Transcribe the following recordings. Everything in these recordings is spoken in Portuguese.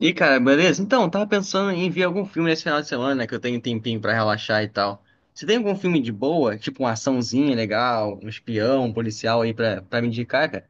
E cara, beleza? Então, tava pensando em ver algum filme nesse final de semana, né? Que eu tenho um tempinho pra relaxar e tal. Você tem algum filme de boa, tipo uma açãozinha legal, um espião, um policial aí pra me indicar, cara?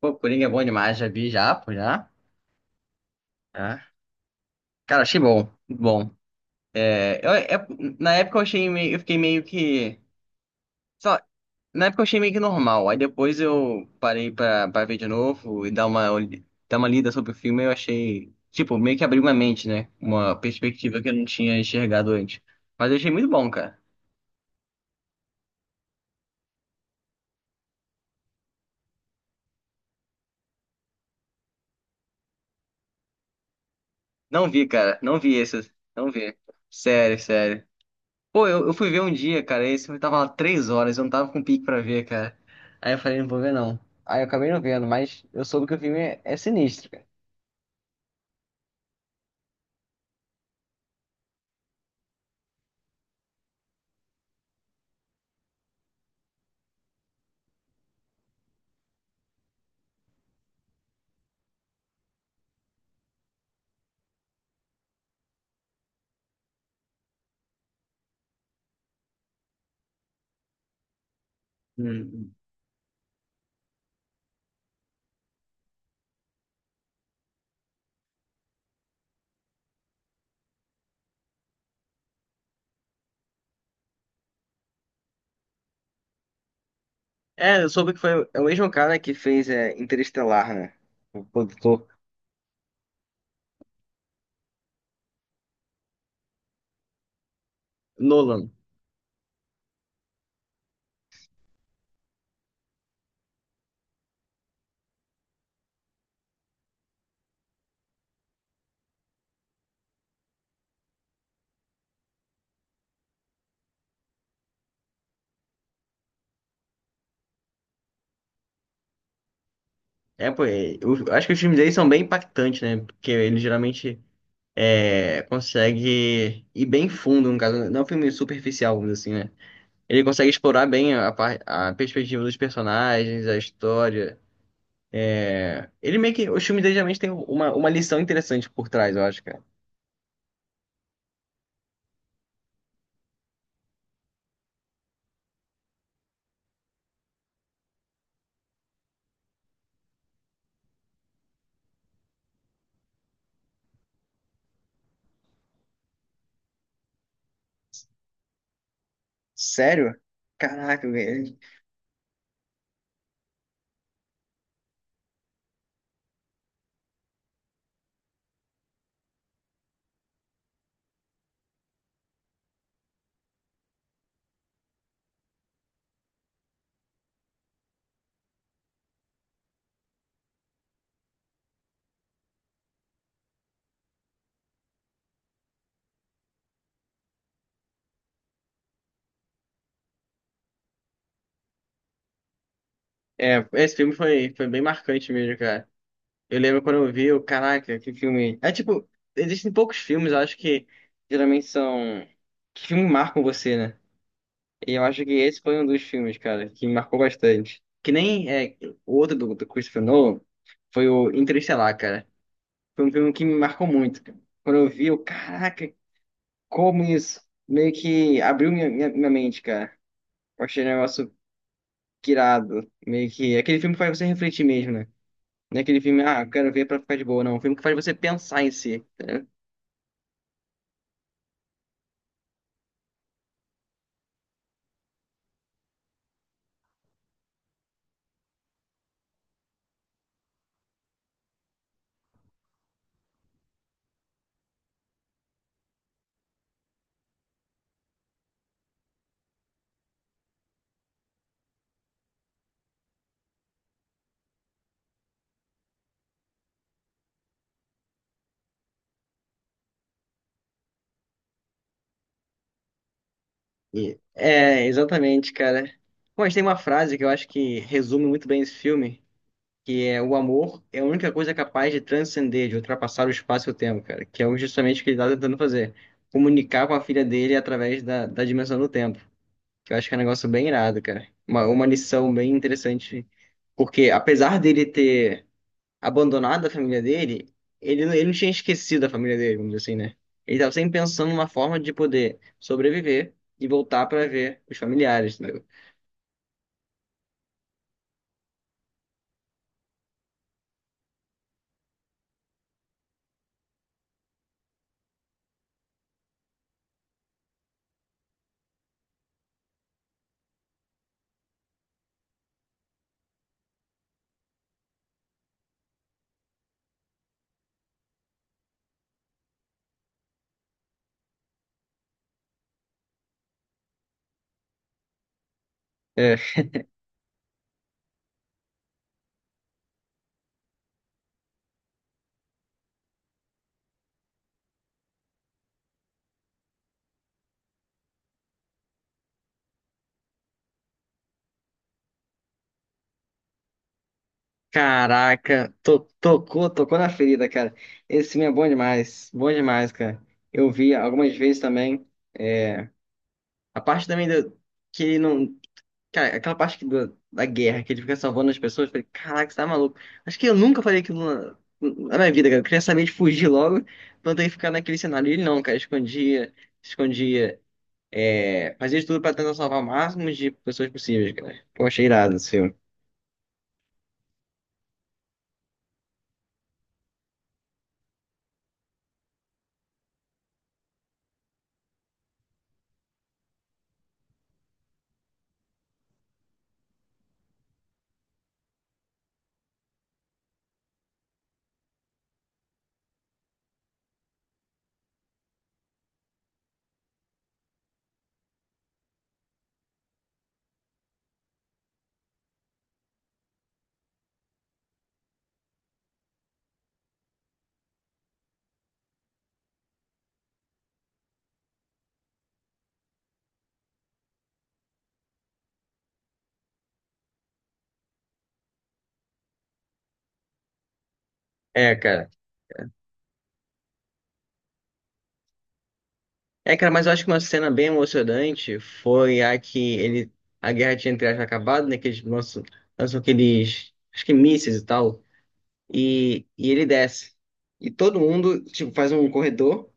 Pô, Coringa é bom demais, já vi já, pô, já. Já. Cara, achei bom, muito bom. É, eu- é- Na época eu achei meio, eu fiquei meio que, sei lá, na época eu achei meio que normal. Aí depois eu parei pra ver de novo e dar uma, dar uma lida sobre o filme. Eu achei, tipo, meio que abriu uma mente, né? Uma perspectiva que eu não tinha enxergado antes. Mas eu achei muito bom, cara. Não vi, cara. Não vi esse. Não vi. Sério, sério. Pô, eu fui ver um dia, cara. Esse filme tava lá três horas. Eu não tava com pique pra ver, cara. Aí eu falei, não vou ver, não. Aí eu acabei não vendo, mas eu soube que o filme é sinistro, cara. Hum. É, eu soube que foi é o mesmo cara que fez é, Interestelar, né? O produtor Nolan. É, pô, é, eu acho que os filmes dele são bem impactantes, né? Porque ele geralmente é, consegue ir bem fundo, no caso, não é um filme superficial, vamos dizer assim, né? Ele consegue explorar bem a, a perspectiva dos personagens, a história. Ele meio que. Os filmes dele geralmente têm uma lição interessante por trás, eu acho, cara. Sério? Caraca, velho. É, esse filme foi, foi bem marcante mesmo, cara. Eu lembro quando eu vi, eu, caraca, que filme. É tipo, existem poucos filmes, eu acho que geralmente são. Que filmes marcam você, né? E eu acho que esse foi um dos filmes, cara, que me marcou bastante. Que nem é, o outro do Christopher Nolan foi o Interestelar, cara. Foi um filme que me marcou muito, cara. Quando eu vi, eu, caraca, como isso meio que abriu minha, minha, minha mente, cara. Eu achei um negócio irado. Meio que. Aquele filme que faz você refletir mesmo, né? Não é aquele filme, ah, eu quero ver pra ficar de boa, não. É um filme que faz você pensar em si. É, exatamente, cara. Mas tem uma frase que eu acho que resume muito bem esse filme, que é o amor é a única coisa capaz de transcender, de ultrapassar o espaço e o tempo, cara. Que é justamente o que ele tá tentando fazer. Comunicar com a filha dele através da dimensão do tempo. Que eu acho que é um negócio bem irado, cara. Uma lição bem interessante. Porque apesar dele ter abandonado a família dele, ele, ele não tinha esquecido a família dele, vamos dizer assim, né? Ele estava sempre pensando numa forma de poder sobreviver e voltar para ver os familiares, entendeu? É, caraca, tocou, tocou na ferida, cara. Esse filme é bom demais, cara. Eu vi algumas vezes também. A parte também do, que ele não, cara, aquela parte que da guerra, que ele fica salvando as pessoas, eu falei, caraca, você tá maluco. Acho que eu nunca falei aquilo na minha vida, cara. Eu queria saber de fugir logo, pra não ter que ficar naquele cenário. E ele não, cara, escondia, escondia, é, fazia de tudo pra tentar salvar o máximo de pessoas possíveis, cara. Pô, achei irado esse filme. É, cara. É, cara, mas eu acho que uma cena bem emocionante foi a que ele, a guerra tinha entre aspas acabado, né, que eles lançam, lançam aqueles, acho que mísseis e tal. E, e ele desce. E todo mundo, tipo, faz um corredor,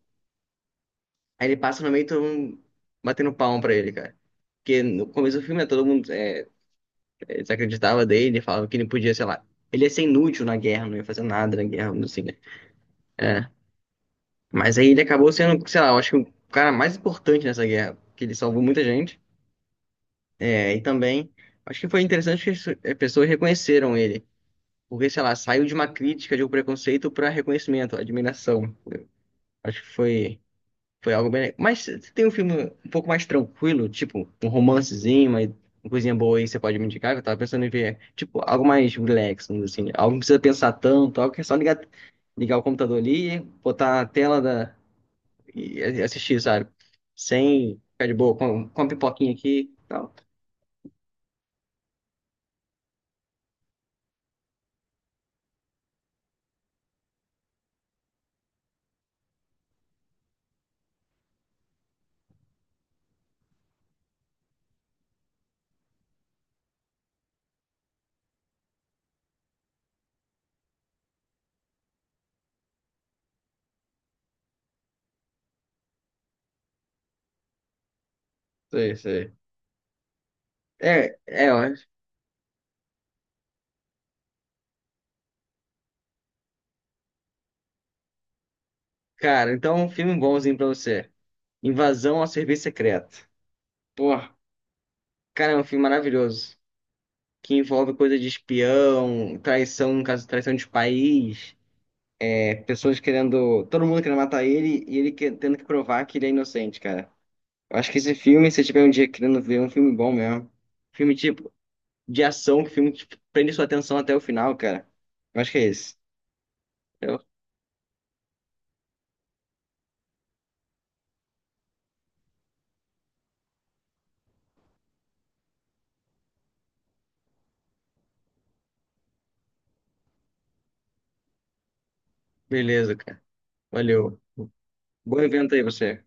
aí ele passa no meio e todo mundo batendo palma pra ele, cara. Porque no começo do filme, né, todo mundo é, é, desacreditava dele, falava que ele podia, sei lá, ele ia ser inútil na guerra, não ia fazer nada na guerra, não sei, né? É. Mas aí ele acabou sendo, sei lá, eu acho que o cara mais importante nessa guerra, porque ele salvou muita gente. É, e também, acho que foi interessante que as eh, pessoas reconheceram ele. Porque, sei lá, saiu de uma crítica, de um preconceito para reconhecimento, admiração. Acho que foi. Foi algo bem. Mas se tem um filme um pouco mais tranquilo, tipo um romancezinho, mas uma coisinha boa aí que você pode me indicar, que eu tava pensando em ver, tipo, algo mais relax, vamos dizer assim, algo que não precisa pensar tanto, algo que é só ligar, ligar o computador ali, botar a tela da... e assistir, sabe? Sem ficar de boa, com uma pipoquinha aqui e tal. Sei, sei. É, é, ó, cara, então um filme bonzinho pra você. Invasão ao Serviço Secreto. Porra, cara, é um filme maravilhoso. Que envolve coisa de espião, traição, no caso, traição de país, é, pessoas querendo, todo mundo querendo matar ele e ele tendo que provar que ele é inocente, cara. Eu acho que esse filme, se você tiver um dia querendo ver, é um filme bom mesmo. Filme tipo de ação, que filme que prende sua atenção até o final, cara. Eu acho que é esse. Eu- Beleza, cara. Valeu. Bom evento aí, você.